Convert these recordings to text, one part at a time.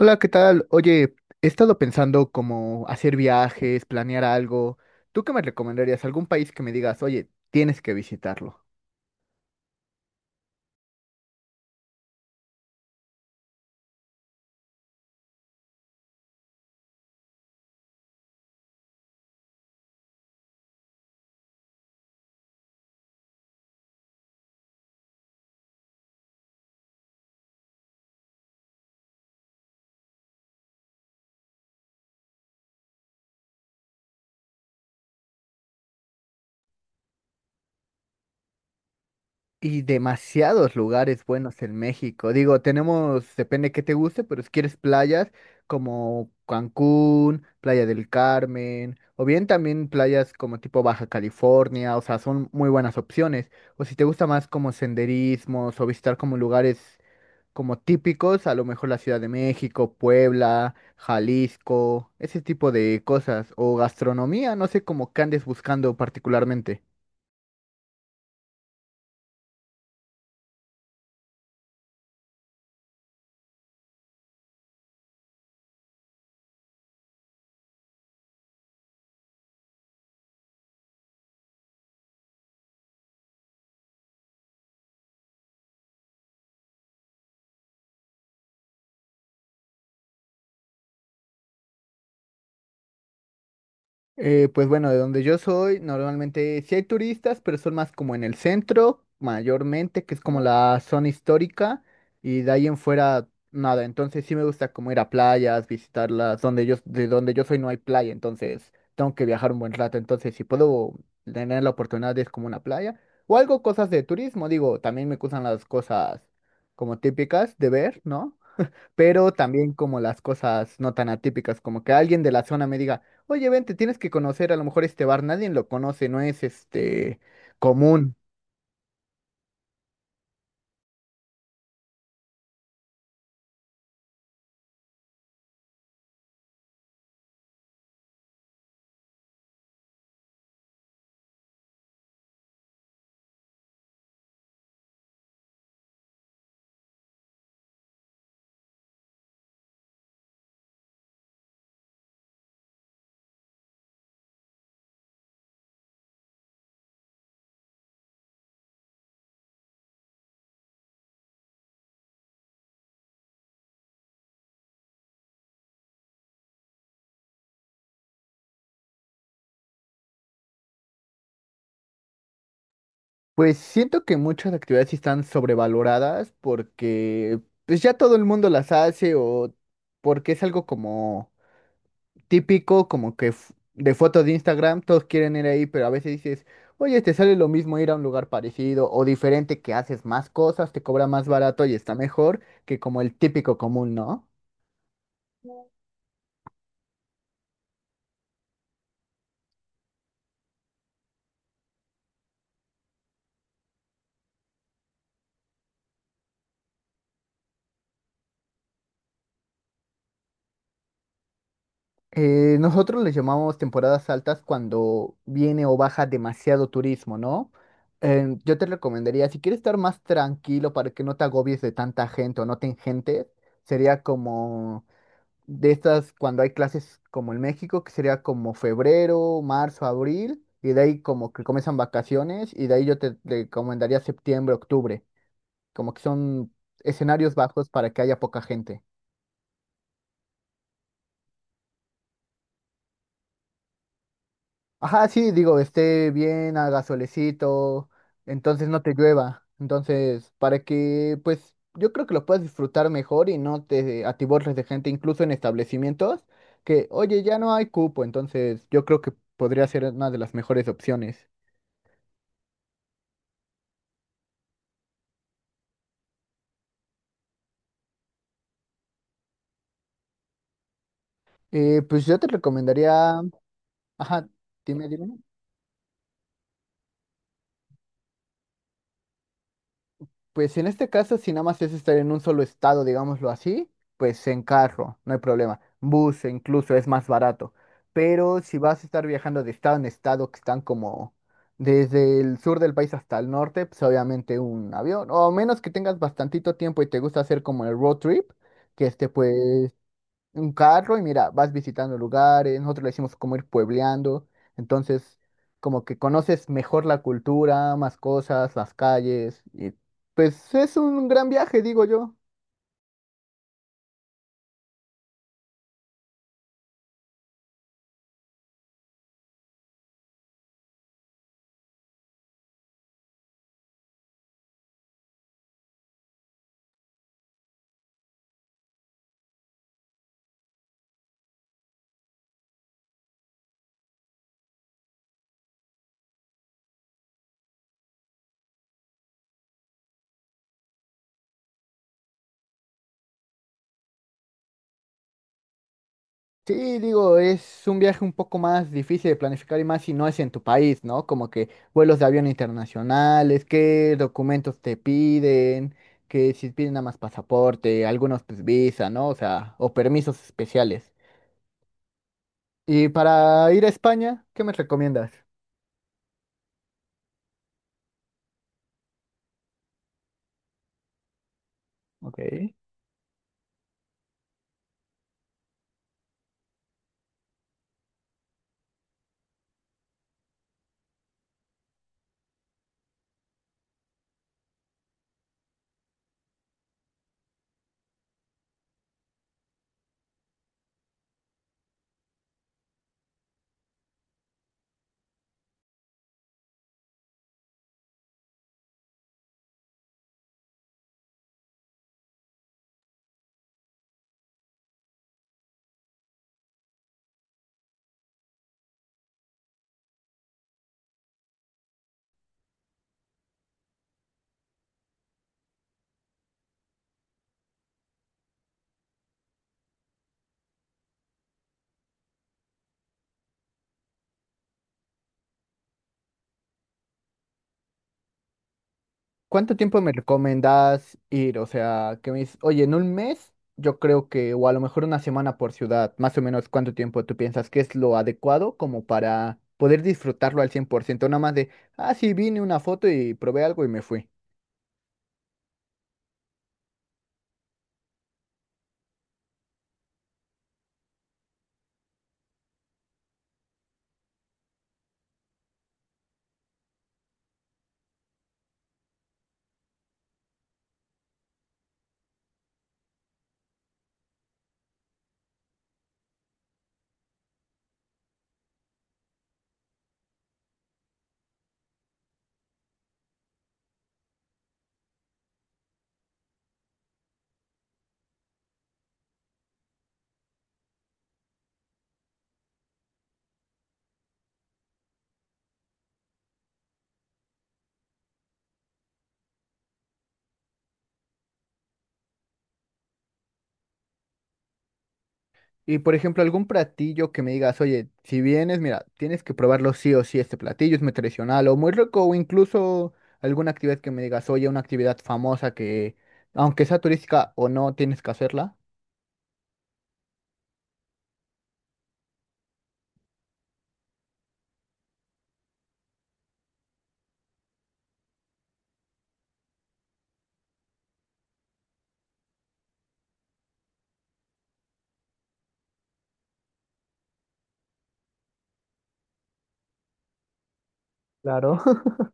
Hola, ¿qué tal? Oye, he estado pensando como hacer viajes, planear algo. ¿Tú qué me recomendarías? ¿Algún país que me digas, oye, tienes que visitarlo? Y demasiados lugares buenos en México. Digo, tenemos, depende qué te guste, pero si quieres playas como Cancún, Playa del Carmen, o bien también playas como tipo Baja California, o sea, son muy buenas opciones. O si te gusta más como senderismos o visitar como lugares como típicos, a lo mejor la Ciudad de México, Puebla, Jalisco, ese tipo de cosas, o gastronomía, no sé cómo que andes buscando particularmente. Pues bueno, de donde yo soy, normalmente sí hay turistas, pero son más como en el centro, mayormente, que es como la zona histórica, y de ahí en fuera nada. Entonces sí me gusta como ir a playas, visitarlas, donde de donde yo soy no hay playa, entonces tengo que viajar un buen rato. Entonces, si puedo tener la oportunidad de ir como una playa, o algo, cosas de turismo, digo, también me gustan las cosas como típicas de ver, ¿no? Pero también como las cosas no tan atípicas, como que alguien de la zona me diga, oye, vente, tienes que conocer a lo mejor este bar, nadie lo conoce, no es este común. Pues siento que muchas actividades sí están sobrevaloradas porque pues ya todo el mundo las hace o porque es algo como típico, como que de fotos de Instagram, todos quieren ir ahí, pero a veces dices, oye, te sale lo mismo ir a un lugar parecido o diferente que haces más cosas, te cobra más barato y está mejor que como el típico común, ¿no? Nosotros les llamamos temporadas altas cuando viene o baja demasiado turismo, ¿no? Yo te recomendaría, si quieres estar más tranquilo para que no te agobies de tanta gente o no te engentes, sería como de estas cuando hay clases como en México, que sería como febrero, marzo, abril, y de ahí como que comienzan vacaciones, y de ahí yo te recomendaría septiembre, octubre, como que son escenarios bajos para que haya poca gente. Ajá, sí, digo, esté bien, haga solecito, entonces no te llueva. Entonces, para que, pues, yo creo que lo puedas disfrutar mejor y no te atiborres de gente, incluso en establecimientos, que, oye, ya no hay cupo, entonces yo creo que podría ser una de las mejores opciones. Pues yo te recomendaría, ajá, dime. Pues en este caso, si nada más es estar en un solo estado, digámoslo así, pues en carro, no hay problema. Bus incluso es más barato. Pero si vas a estar viajando de estado en estado, que están como desde el sur del país hasta el norte, pues obviamente un avión. O a menos que tengas bastantito tiempo y te gusta hacer como el road trip, que este pues un carro y mira, vas visitando lugares, nosotros le decimos como ir puebleando, entonces como que conoces mejor la cultura, más cosas, las calles, y pues es un gran viaje, digo yo. Sí, digo, es un viaje un poco más difícil de planificar y más si no es en tu país, ¿no? Como que vuelos de avión internacionales, qué documentos te piden, que si piden nada más pasaporte, algunos pues visa, ¿no? O sea, o permisos especiales. Y para ir a España, ¿qué me recomiendas? Ok. ¿Cuánto tiempo me recomendás ir? O sea, que me dices, oye, en un mes, yo creo que, o a lo mejor una semana por ciudad, más o menos cuánto tiempo tú piensas que es lo adecuado como para poder disfrutarlo al 100%, nada más de, ah, sí, vine una foto y probé algo y me fui. Y por ejemplo, algún platillo que me digas, oye, si vienes, mira, tienes que probarlo sí o sí, este platillo es muy tradicional o muy rico, o incluso alguna actividad que me digas, oye, una actividad famosa que, aunque sea turística o no, tienes que hacerla. Claro.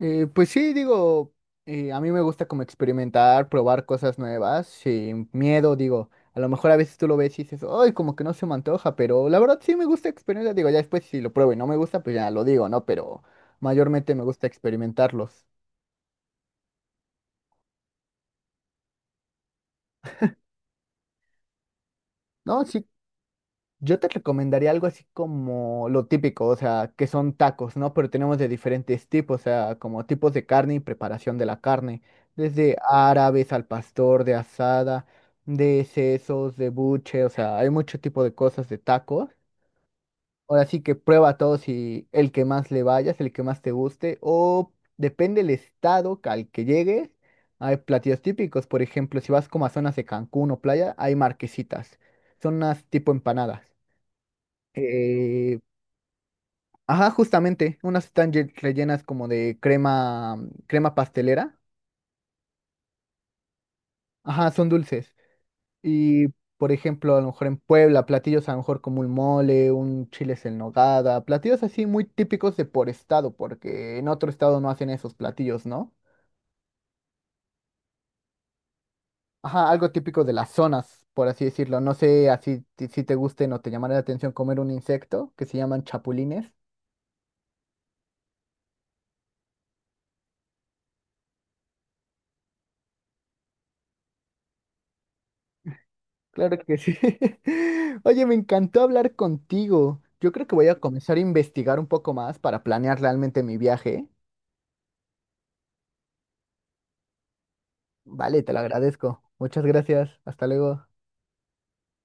Pues sí, digo, a mí me gusta como experimentar, probar cosas nuevas, sin miedo, digo, a lo mejor a veces tú lo ves y dices, ay, como que no se me antoja, pero la verdad sí me gusta experimentar, digo, ya después si lo pruebo y no me gusta, pues ya lo digo, ¿no? Pero mayormente me gusta experimentarlos, ¿no? Sí, yo te recomendaría algo así como lo típico, o sea, que son tacos, ¿no? Pero tenemos de diferentes tipos, o sea, como tipos de carne y preparación de la carne, desde árabes al pastor, de asada, de sesos, de buche, o sea, hay mucho tipo de cosas de tacos. Ahora sí que prueba todos y el que más le vayas, el que más te guste, o depende del estado al que llegues, hay platillos típicos, por ejemplo, si vas como a zonas de Cancún o playa, hay marquesitas, son unas tipo empanadas. Eh, ajá, justamente, unas están rellenas como de crema, crema pastelera. Ajá, son dulces. Y, por ejemplo, a lo mejor en Puebla, platillos a lo mejor como un mole, un chiles en nogada, platillos así muy típicos de por estado, porque en otro estado no hacen esos platillos, ¿no? Ajá, algo típico de las zonas, por así decirlo. No sé así si te gusten o te llamará la atención comer un insecto que se llaman chapulines. Claro que sí. Oye, me encantó hablar contigo. Yo creo que voy a comenzar a investigar un poco más para planear realmente mi viaje. Vale, te lo agradezco. Muchas gracias. Hasta luego.